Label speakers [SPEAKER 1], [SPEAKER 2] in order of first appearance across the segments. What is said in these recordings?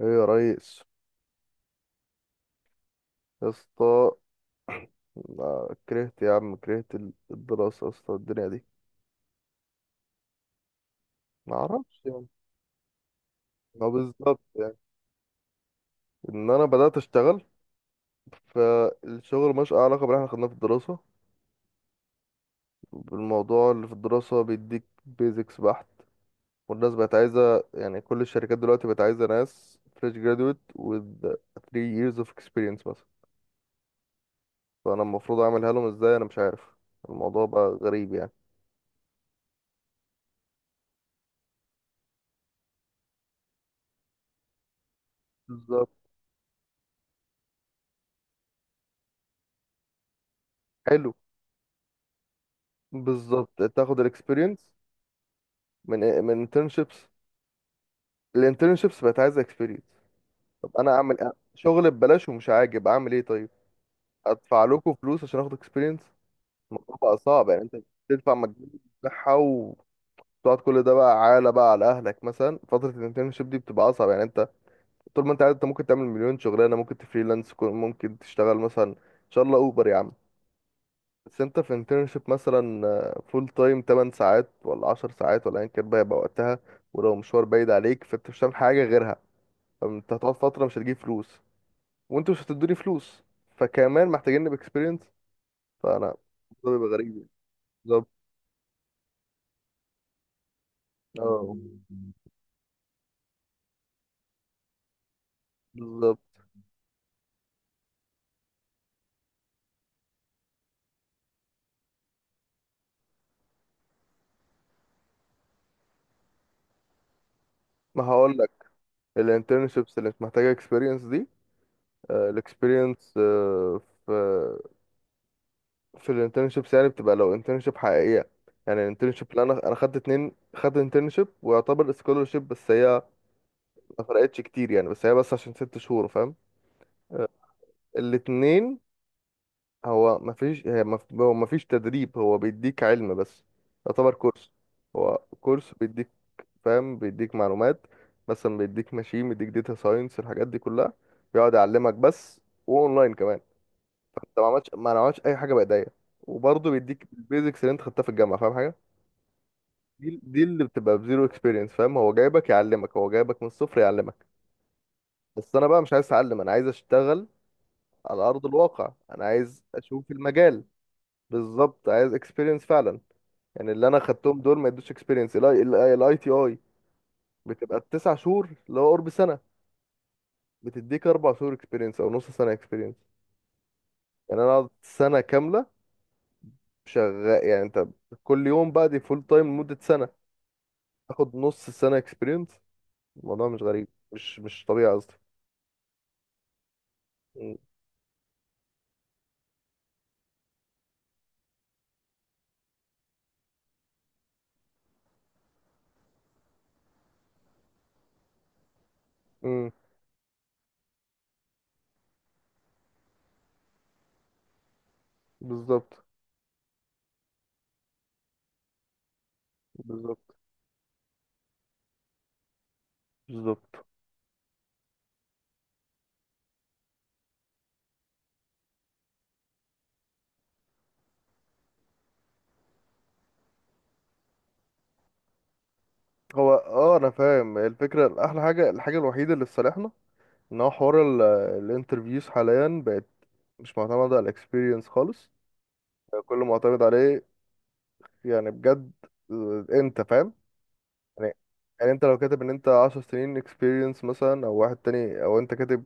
[SPEAKER 1] ايه يا ريس، يا اسطى. أنا كرهت يا عم، كرهت الدراسة يا اسطى، الدنيا دي. ما اعرفش يعني. ما بالظبط يعني، ان انا بدأت اشتغل. فالشغل مش علاقة باللي احنا خدناه في الدراسة. الموضوع اللي في الدراسة بيديك بيزكس بحت. والناس بقت عايزة، يعني كل الشركات دلوقتي بقت عايزة ناس فريش جرادويت with 3 years of experience مثلا. فانا المفروض اعملها لهم ازاي؟ انا مش عارف. الموضوع بقى غريب يعني. بالظبط. حلو، بالظبط تاخد الاكسبيرينس من إيه، من internships. الانترنشيبس بقت عايزه اكسبيرينس. طب انا اعمل إيه؟ شغل ببلاش ومش عاجب، اعمل ايه طيب؟ ادفع لكم فلوس عشان اخد اكسبيرينس؟ الموضوع بقى صعب يعني، انت بتدفع مجهود بتاعها وتقعد. كل ده بقى عالة بقى على اهلك. مثلا فتره الانترنشيب دي بتبقى اصعب يعني، انت طول ما انت قاعد انت ممكن تعمل مليون شغلانه، ممكن تفريلانس ممكن تشتغل مثلا ان شاء الله اوبر يا عم. بس انت في انترنشيب مثلا فول تايم 8 ساعات ولا 10 ساعات ولا ايا كان بقى يبقى وقتها. ولو مشوار بعيد عليك فانت مش هتعمل حاجه غيرها. انت هتقعد فترة مش هتجيب فلوس. وانتوا مش هتدوني فلوس. فكمان محتاجيني بإكسبيرينس. فأنا الموضوع بيبقى غريب يعني. بالظبط. اه بالظبط. ما هقول لك، الانترنشيبس اللي انت محتاجه اكسبيرينس دي، الاكسبيرينس في في الانترنشيبس يعني بتبقى لو انترنشيب حقيقيه. يعني الانترنشيب اللي انا خدت اتنين، خدت انترنشيب ويعتبر سكولرشيب بس هي ما فرقتش كتير يعني. بس هي بس عشان 6 شهور فاهم. آه، الاتنين. هو مفيش تدريب. هو بيديك علم بس، يعتبر كورس. هو كورس بيديك، فاهم، بيديك معلومات. مثلا بيديك ماشين، بيديك داتا ساينس، الحاجات دي كلها بيقعد يعلمك بس. واونلاين كمان. انت ما عملتش اي حاجه بايديا. وبرضه بيديك البيزكس اللي انت خدتها في الجامعه فاهم حاجه. دي اللي بتبقى بزيرو اكسبيرينس. فاهم، هو جايبك يعلمك، هو جايبك من الصفر يعلمك. بس انا بقى مش عايز اتعلم، انا عايز اشتغل على ارض الواقع. انا عايز اشوف المجال. بالظبط، عايز اكسبيرينس فعلا. يعني اللي انا خدتهم دول ما يدوش اكسبيرينس. الاي تي اي بتبقى التسع شهور اللي هو قرب سنه، بتديك 4 شهور اكسبيرينس او نص سنه اكسبيرينس. يعني انا قعدت سنه كامله شغال، يعني انت كل يوم بقى دي فول تايم لمده سنه، تاخد نص سنه اكسبيرينس. الموضوع مش غريب، مش طبيعي قصدي. م- م، بالظبط. بالظبط. بالظبط. هو اه انا فاهم الفكره. احلى حاجه، الحاجه الوحيده اللي في صالحنا ان هو حوار الانترفيوز حاليا بقت مش معتمده على الاكسبيرينس خالص. كله معتمد عليه يعني بجد. انت فاهم. يعني يعني انت لو كاتب ان انت 10 سنين اكسبيرينس مثلا، او واحد تاني، او انت كاتب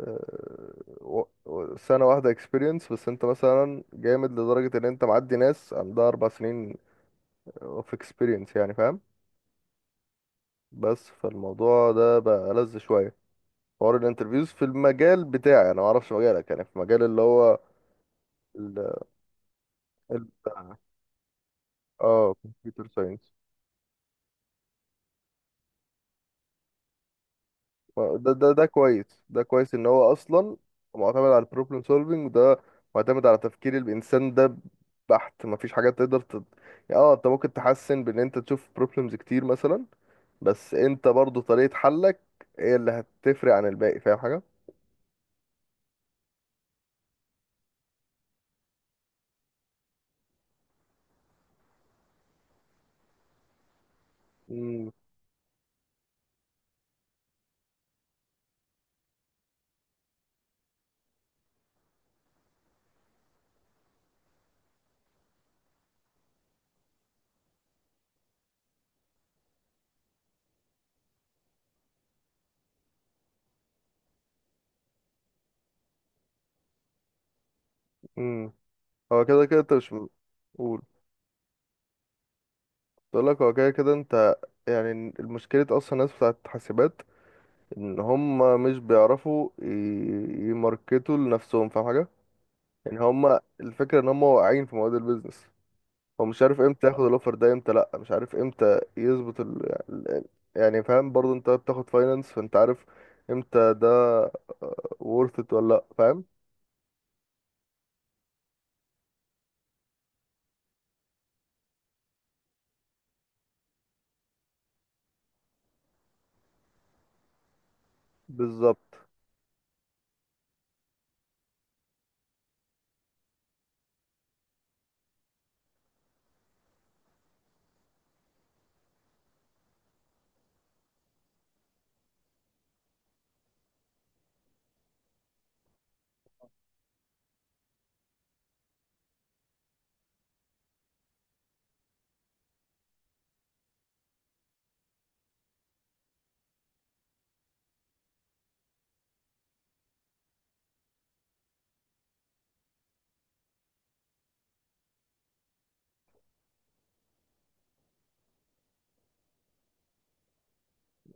[SPEAKER 1] آه، سنة واحدة اكسبيرينس، بس انت مثلا جامد لدرجة ان انت معدي ناس عندها 4 سنين اوف اكسبيرينس يعني فاهم. بس فالموضوع ده بقى لذ شوية. حوار الانترفيوز في المجال بتاعي، انا معرفش مجالك. يعني في مجال اللي هو ال ال اه كمبيوتر ساينس. ده كويس ان هو اصلا معتمد على البروبلم سولفينج ده، معتمد على تفكير الانسان ده بحت. مفيش حاجه تقدر يعني اه انت ممكن تحسن بان انت تشوف بروبلمز كتير مثلا، بس انت برضو طريقه حلك هي اللي هتفرق عن الباقي، فاهم حاجه. امم امم هو كده كده انت مش، قول. بقول لك هو كده كده انت يعني المشكله اصلا الناس بتاعت حاسبات، ان هم مش بيعرفوا يماركتوا لنفسهم، فاهم حاجه. يعني هما الفكرة ان هما واقعين في مواد البيزنس. هو مش عارف امتى ياخد الاوفر ده، امتى لا. مش عارف امتى يظبط يعني فاهم برضه انت بتاخد فاينانس فانت عارف امتى ده worth it ولا لا فاهم. بالظبط.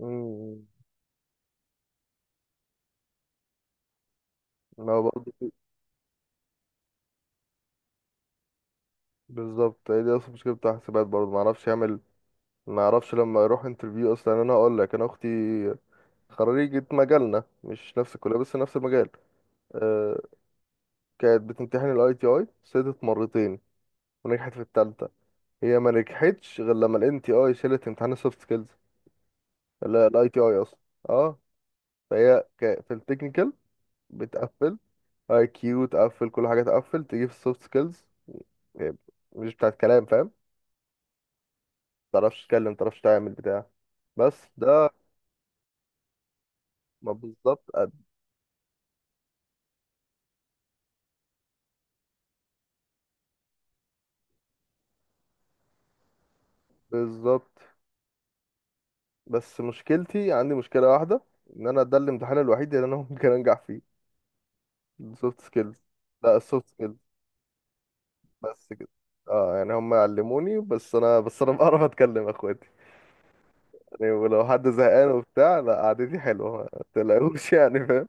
[SPEAKER 1] امم ما برضه بالظبط، هي دي اصلا مشكلة بتاع حسابات برضه. ما اعرفش يعمل، ما اعرفش لما يروح انترفيو اصلا. يعني انا هقول لك، انا اختي خريجة مجالنا، مش نفس الكلية بس نفس المجال. أه. كانت بتمتحن الاي تي اي، سقطت مرتين ونجحت في التالتة. هي ما نجحتش غير لما الان تي اي شالت امتحان السوفت سكيلز. الاي تي اي اصلا. اه. فهي في التكنيكال بتقفل، اي كيو تقفل، كل حاجه تقفل، تيجي في السوفت سكيلز مش بتاعت كلام فاهم. متعرفش تتكلم، متعرفش تعمل بتاع. بس ده ما بالظبط قد- بالظبط. بس مشكلتي، عندي مشكله واحده، ان انا ده الامتحان الوحيد اللي انا ممكن انجح فيه. السوفت سكيلز. لا، السوفت سكيلز. بس كده. اه يعني هم علموني بس انا بعرف اتكلم يا اخويا. يعني ولو حد زهقان وبتاع، لا قعدتي حلوة ما تلاقوش يعني فاهم.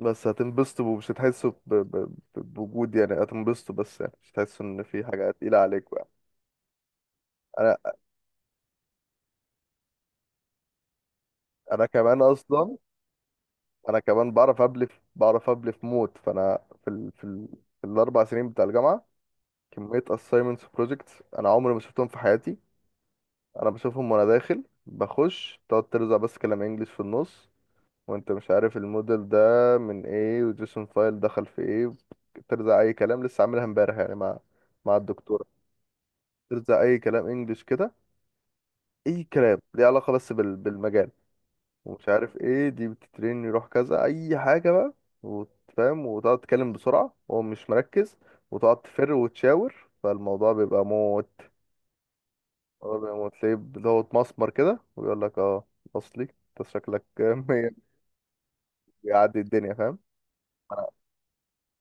[SPEAKER 1] بس هتنبسطوا ومش هتحسوا بوجود. يعني هتنبسطوا بس، يعني مش هتحسوا ان في حاجة تقيلة عليكم يعني. انا انا كمان اصلا، انا كمان بعرف ابلف، بعرف ابلف موت. فانا في في الاربع سنين بتاع الجامعة، كمية assignments و projects انا عمري ما شفتهم في حياتي. انا بشوفهم وانا داخل بخش تقعد ترزع بس كلام انجليش في النص، وانت مش عارف الموديل ده من ايه وجيسون فايل دخل في ايه. ترزع اي كلام لسه عاملها امبارح يعني مع الدكتورة. ترزع اي كلام انجلش كده، اي كلام ليه علاقة بس بالمجال. ومش عارف ايه دي بتترين يروح كذا اي حاجة بقى، وتفهم وتقعد تتكلم بسرعة وهو مش مركز، وتقعد تفر وتشاور. فالموضوع بيبقى موت. الموضوع بيبقى موت، تلاقيه اللي هو اتمسمر كده ويقول لك اه، اصلي انت شكلك مية. بيعدي الدنيا فاهم.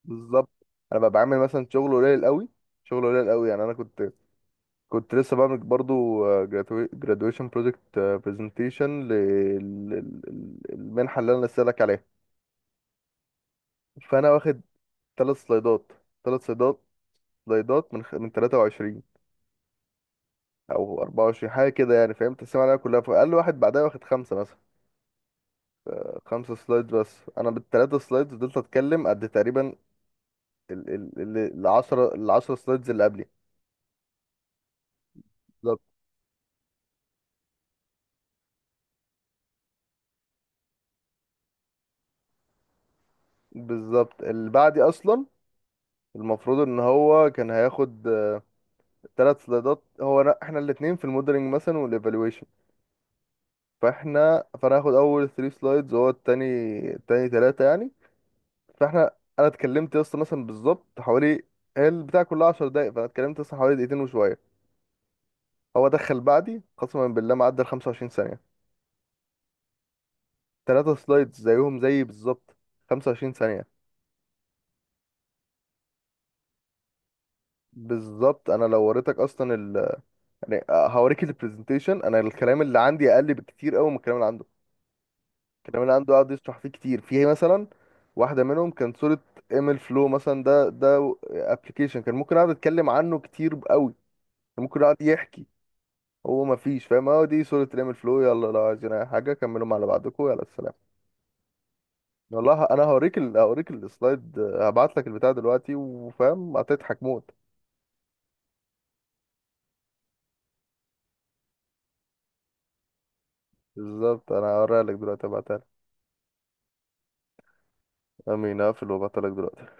[SPEAKER 1] بالظبط. انا ببقى بعمل مثلا شغل قليل قوي، شغل قليل قوي. يعني انا كنت لسه بعمل برضو gradua- graduation project presentation للمنحه اللي انا لسه لك عليها. فانا واخد ثلاث سلايدات، ثلاث سلايدات من من 23 او 24 حاجه كده. يعني فاهم تقسيم عليها كلها. فقال لي واحد بعدها واخد خمسه مثلا، خمسه سلايد، بس انا بالثلاثه سلايدز فضلت اتكلم قد تقريبا ال ال ال 10 ال 10 سلايدز اللي قبلي. بالظبط. بالظبط اللي بعدي اصلا، المفروض ان هو كان هياخد ثلاث سلايدات. هو أنا احنا الاثنين في الموديلنج مثلا والايفالويشن. فانا هاخد اول 3 سلايدز وهو التاني، التاني ثلاثه يعني. فاحنا انا اتكلمت يا اسطى مثلا بالظبط حوالي، هي البتاع كلها 10 دقايق، فانا اتكلمت يا اسطى حوالي دقيقتين وشويه. هو دخل بعدي قسما بالله معدى ال 25 ثانيه. ثلاثه سلايدز زيهم زيي بالظبط، 25 ثانيه. بالظبط. انا لو وريتك اصلا يعني هوريك البرزنتيشن، انا الكلام اللي عندي اقل بكتير قوي من الكلام اللي عنده. الكلام اللي عنده قعد يشرح فيه كتير. فيه مثلا واحدة منهم كان صورة ايميل فلو مثلا. ده ابلكيشن كان ممكن اقعد اتكلم عنه كتير قوي، كان ممكن اقعد يحكي. هو ما فيش، فاهم، هو دي صورة ايميل فلو، يلا لو عايزين اي حاجة كملوا مع بعضكم، يلا السلام. والله انا هوريك هوريك السلايد، هبعت لك البتاع دلوقتي وفاهم هتضحك موت. بالظبط، انا هوريها لك دلوقتي، هبعتها لك. امين، هقفل وابعتها لك دلوقتي.